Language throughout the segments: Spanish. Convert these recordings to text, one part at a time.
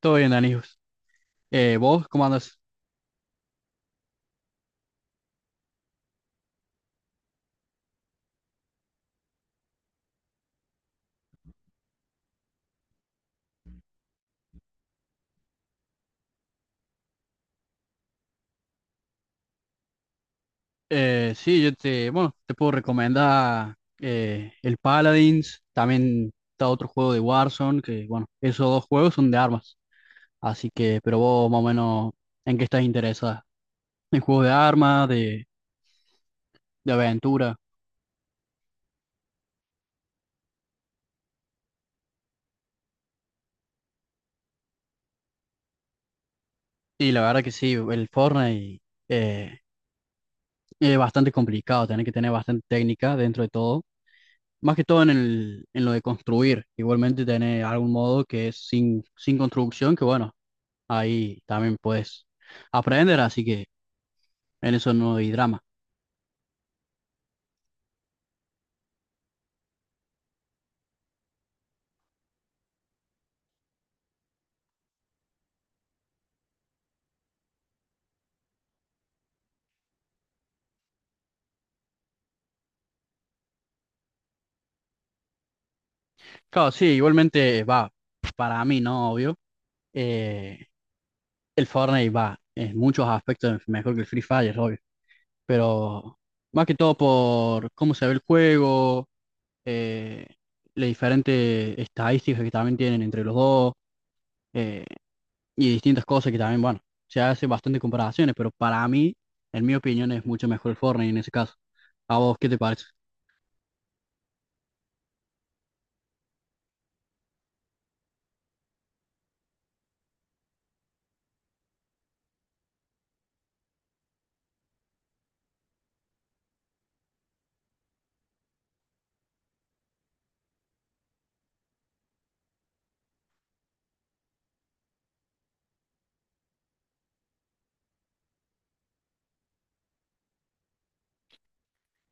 Todo bien, Danijos. ¿Vos cómo andas? Sí, yo te, bueno, te puedo recomendar el Paladins, también está otro juego de Warzone, que bueno, esos dos juegos son de armas. Así que, pero vos más o menos, ¿en qué estás interesada? ¿En juegos de armas, de aventura? Y la verdad que sí, el Fortnite eh, bastante complicado, tiene que tener bastante técnica dentro de todo, más que todo en lo de construir, igualmente tener algún modo que es sin construcción, que bueno, ahí también puedes aprender, así que en eso no hay drama. Claro, sí, igualmente va, para mí, ¿no? Obvio. eh, el Fortnite va en muchos aspectos mejor que el Free Fire, obvio. Pero más que todo por cómo se ve el juego, eh, las diferentes estadísticas que también tienen entre los dos, eh, y distintas cosas que también, bueno, se hacen bastantes comparaciones, pero para mí, en mi opinión, es mucho mejor el Fortnite en ese caso. ¿A vos qué te parece?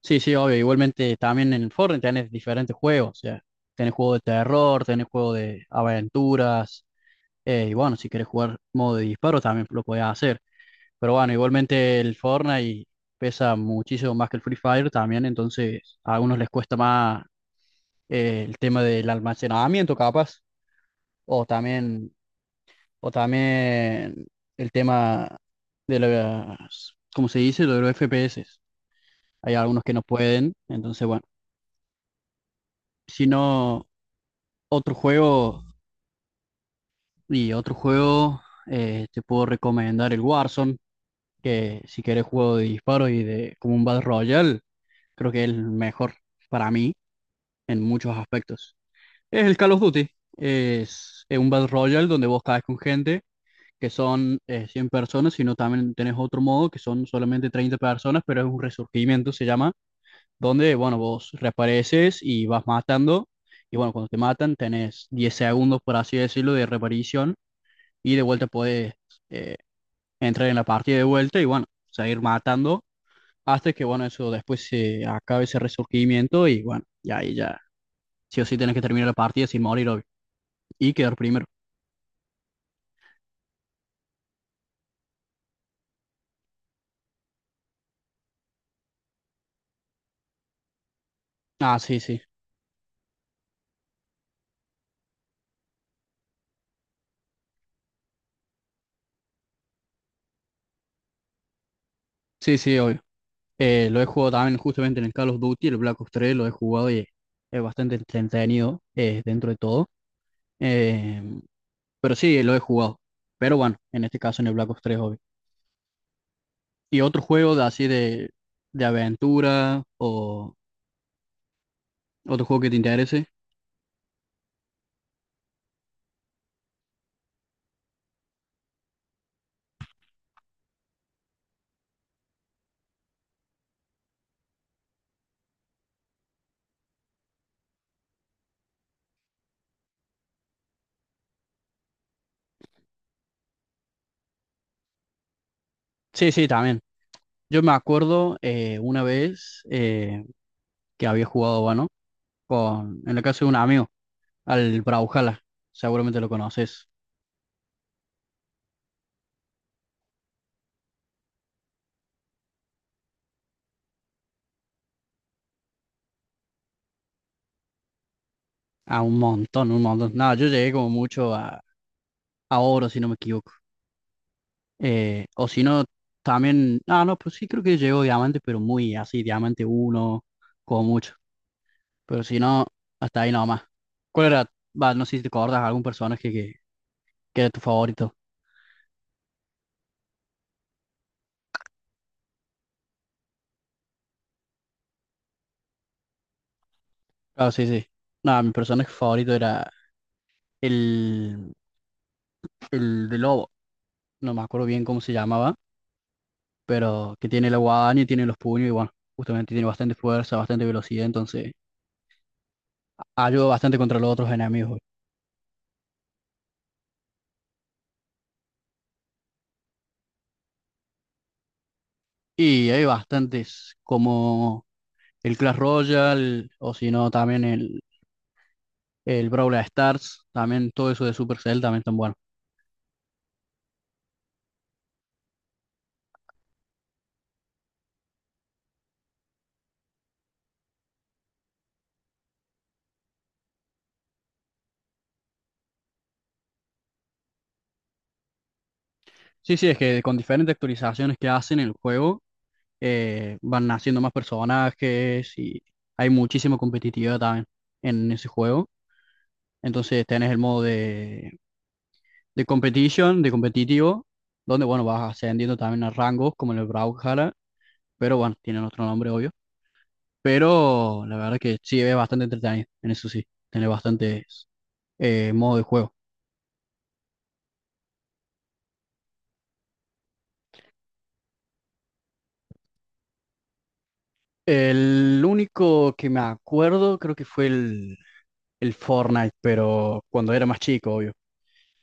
Sí, sí, obvio. Igualmente también en el Fortnite tenés diferentes juegos. O sea, tenés juego de terror, tenés juego de aventuras. Y bueno, si querés jugar modo de disparo también lo podés hacer. Pero bueno, igualmente el Fortnite pesa muchísimo más que el Free Fire también. Entonces a algunos les cuesta más, el tema del almacenamiento capaz. O también, o también, el tema de las, ¿cómo se dice? Lo de los FPS. Hay algunos que no pueden. Entonces, bueno, si no, otro juego y otro juego te puedo recomendar el Warzone, que si quieres juego de disparos y de como un Battle Royale, creo que es el mejor para mí en muchos aspectos. Es el Call of Duty. Es un Battle Royale donde vos caes con gente que son 100 personas, sino también tenés otro modo que son solamente 30 personas, pero es un resurgimiento, se llama, donde, bueno, vos reapareces y vas matando, y bueno, cuando te matan tenés 10 segundos, por así decirlo, de reaparición, y de vuelta podés eh, entrar en la partida de vuelta y, bueno, seguir matando hasta que, bueno, eso después se acabe ese resurgimiento y, bueno, y ahí ya, sí o sí tenés que terminar la partida sin morir, obvio, y quedar primero. Ah, sí, sí. Sí, sí, obvio. Lo he jugado también justamente en el Call of Duty, el Black Ops 3 lo he jugado y es bastante entretenido, dentro de todo. Eh, pero sí, lo he jugado. Pero bueno, en este caso en el Black Ops 3, obvio. ¿Y otro juego de, así de aventura, o otro juego que te interese? Sí, sí, también. Yo me acuerdo, una vez, que había jugado, bueno, en la casa de un amigo, al Brawlhalla. Seguramente lo conoces. A un montón, un montón. No, yo llegué como mucho a oro, si no me equivoco. O si no, también. Ah, no, pues sí, creo que llegó diamante, pero muy así, diamante uno como mucho. Pero si no, hasta ahí nomás. ¿Cuál era? Va, no sé si te acuerdas algún personaje que era tu favorito. Ah, sí, sí. No, mi personaje favorito era el, el de lobo. No me acuerdo bien cómo se llamaba, pero que tiene la guadaña y tiene los puños y bueno, justamente tiene bastante fuerza, bastante velocidad, entonces ayuda bastante contra los otros enemigos. Y hay bastantes, como el Clash Royale, o si no, también el Brawl Stars, también todo eso de Supercell también están buenos. Sí, sí, es que con diferentes actualizaciones que hacen el juego, van naciendo más personajes y hay muchísima competitividad también en ese juego. Entonces tenés el modo de competition, de competitivo, donde bueno, vas ascendiendo también a rangos como en el Brawlhalla, pero bueno, tienen otro nombre, obvio. Pero la verdad que sí, es bastante entretenido, en eso sí, tiene bastantes, modos de juego. El único que me acuerdo creo que fue el Fortnite, pero cuando era más chico, obvio.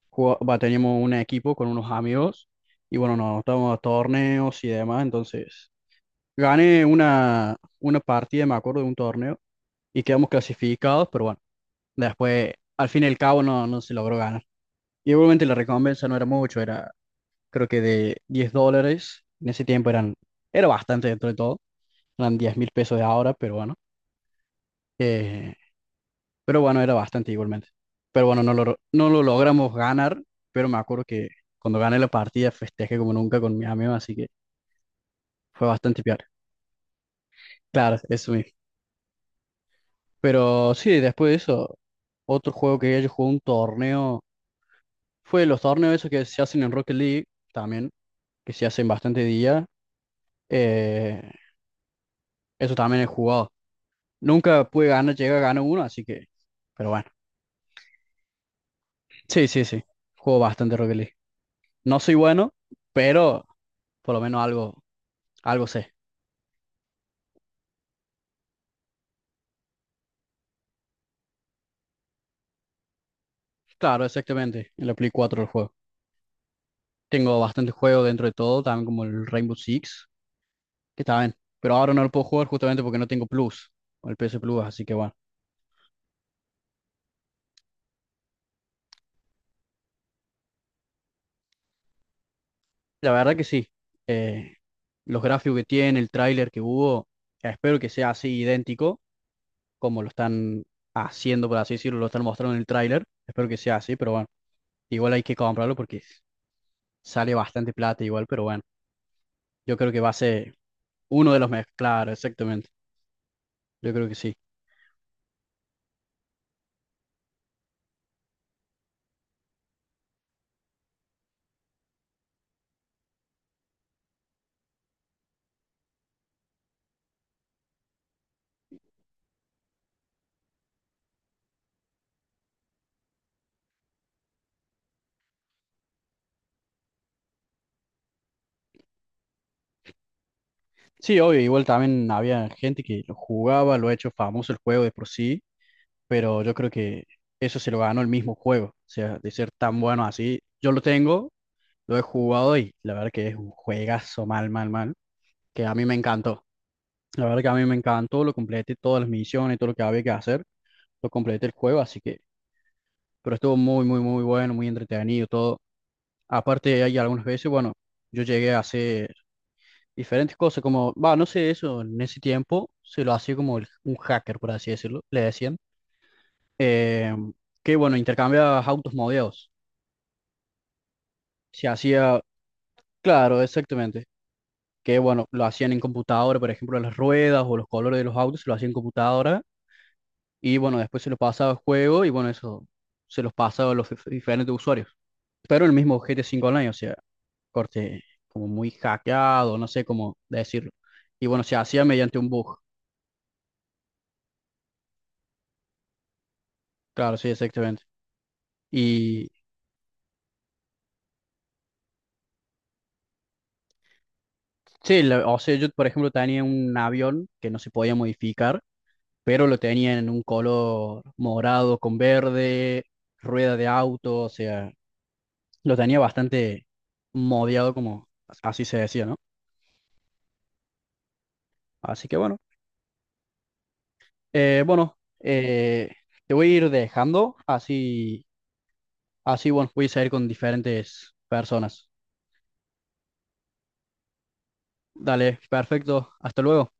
Va, teníamos un equipo con unos amigos y bueno, nos estábamos a torneos y demás, entonces gané una partida, me acuerdo, de un torneo y quedamos clasificados, pero bueno, después, al fin y al cabo, no se logró ganar. Y obviamente la recompensa no era mucho, era creo que de 10 dólares, en ese tiempo eran, era bastante dentro de todo, eran 10.000 pesos de ahora, eh, pero bueno, era bastante igualmente. Pero bueno, no lo logramos ganar, pero me acuerdo que cuando gané la partida festejé como nunca con mis amigos, así que fue bastante peor. Claro, eso mismo. Pero sí, después de eso, otro juego que yo jugué un torneo, fue los torneos esos que se hacen en Rocket League también, que se hacen bastante día. eh, eso también he jugado. Nunca pude ganar, llegué a ganar uno, así que, pero bueno. Sí, sí, sí. Juego bastante Rocket League. No soy bueno, pero por lo menos algo sé. Claro, exactamente. En la Play 4 el juego. Tengo bastante juego dentro de todo, también como el Rainbow Six, que está bien. Pero ahora no lo puedo jugar justamente porque no tengo Plus, o el PS Plus, así que bueno. La verdad que sí. Eh, los gráficos que tiene, el tráiler que hubo, espero que sea así idéntico como lo están haciendo, por así decirlo, lo están mostrando en el tráiler. Espero que sea así, pero bueno, igual hay que comprarlo porque sale bastante plata igual, pero bueno, yo creo que va a ser uno de los mejores. Claro, exactamente. Yo creo que sí. Sí, obvio, igual también había gente que lo jugaba, lo ha hecho famoso el juego de por sí, pero yo creo que eso se lo ganó el mismo juego, o sea, de ser tan bueno así. Yo lo tengo, lo he jugado y la verdad que es un juegazo mal, mal, mal, que a mí me encantó. La verdad que a mí me encantó, lo completé todas las misiones, todo lo que había que hacer, lo completé el juego, así que pero estuvo muy, muy, muy bueno, muy entretenido todo. Aparte, hay algunas veces, bueno, yo llegué a hacer diferentes cosas, como, va, no sé eso, en ese tiempo se lo hacía como un hacker, por así decirlo, le decían, eh, que bueno, intercambiabas autos modeados. Se hacía, claro, exactamente. Que bueno, lo hacían en computadora, por ejemplo, las ruedas o los colores de los autos, lo hacían en computadora. Y bueno, después se los pasaba al juego y bueno, eso se los pasaba a los diferentes usuarios. Pero el mismo gt 5 Online, o sea, corte como muy hackeado, no sé cómo decirlo. Y bueno, se hacía mediante un bug. Claro, sí, exactamente. Y sí, o sea, yo por ejemplo tenía un avión que no se podía modificar, pero lo tenía en un color morado con verde, rueda de auto, o sea, lo tenía bastante modiado, como así se decía, ¿no? Así que bueno, bueno, te voy a ir dejando, así, bueno, voy a salir con diferentes personas. Dale, perfecto, hasta luego.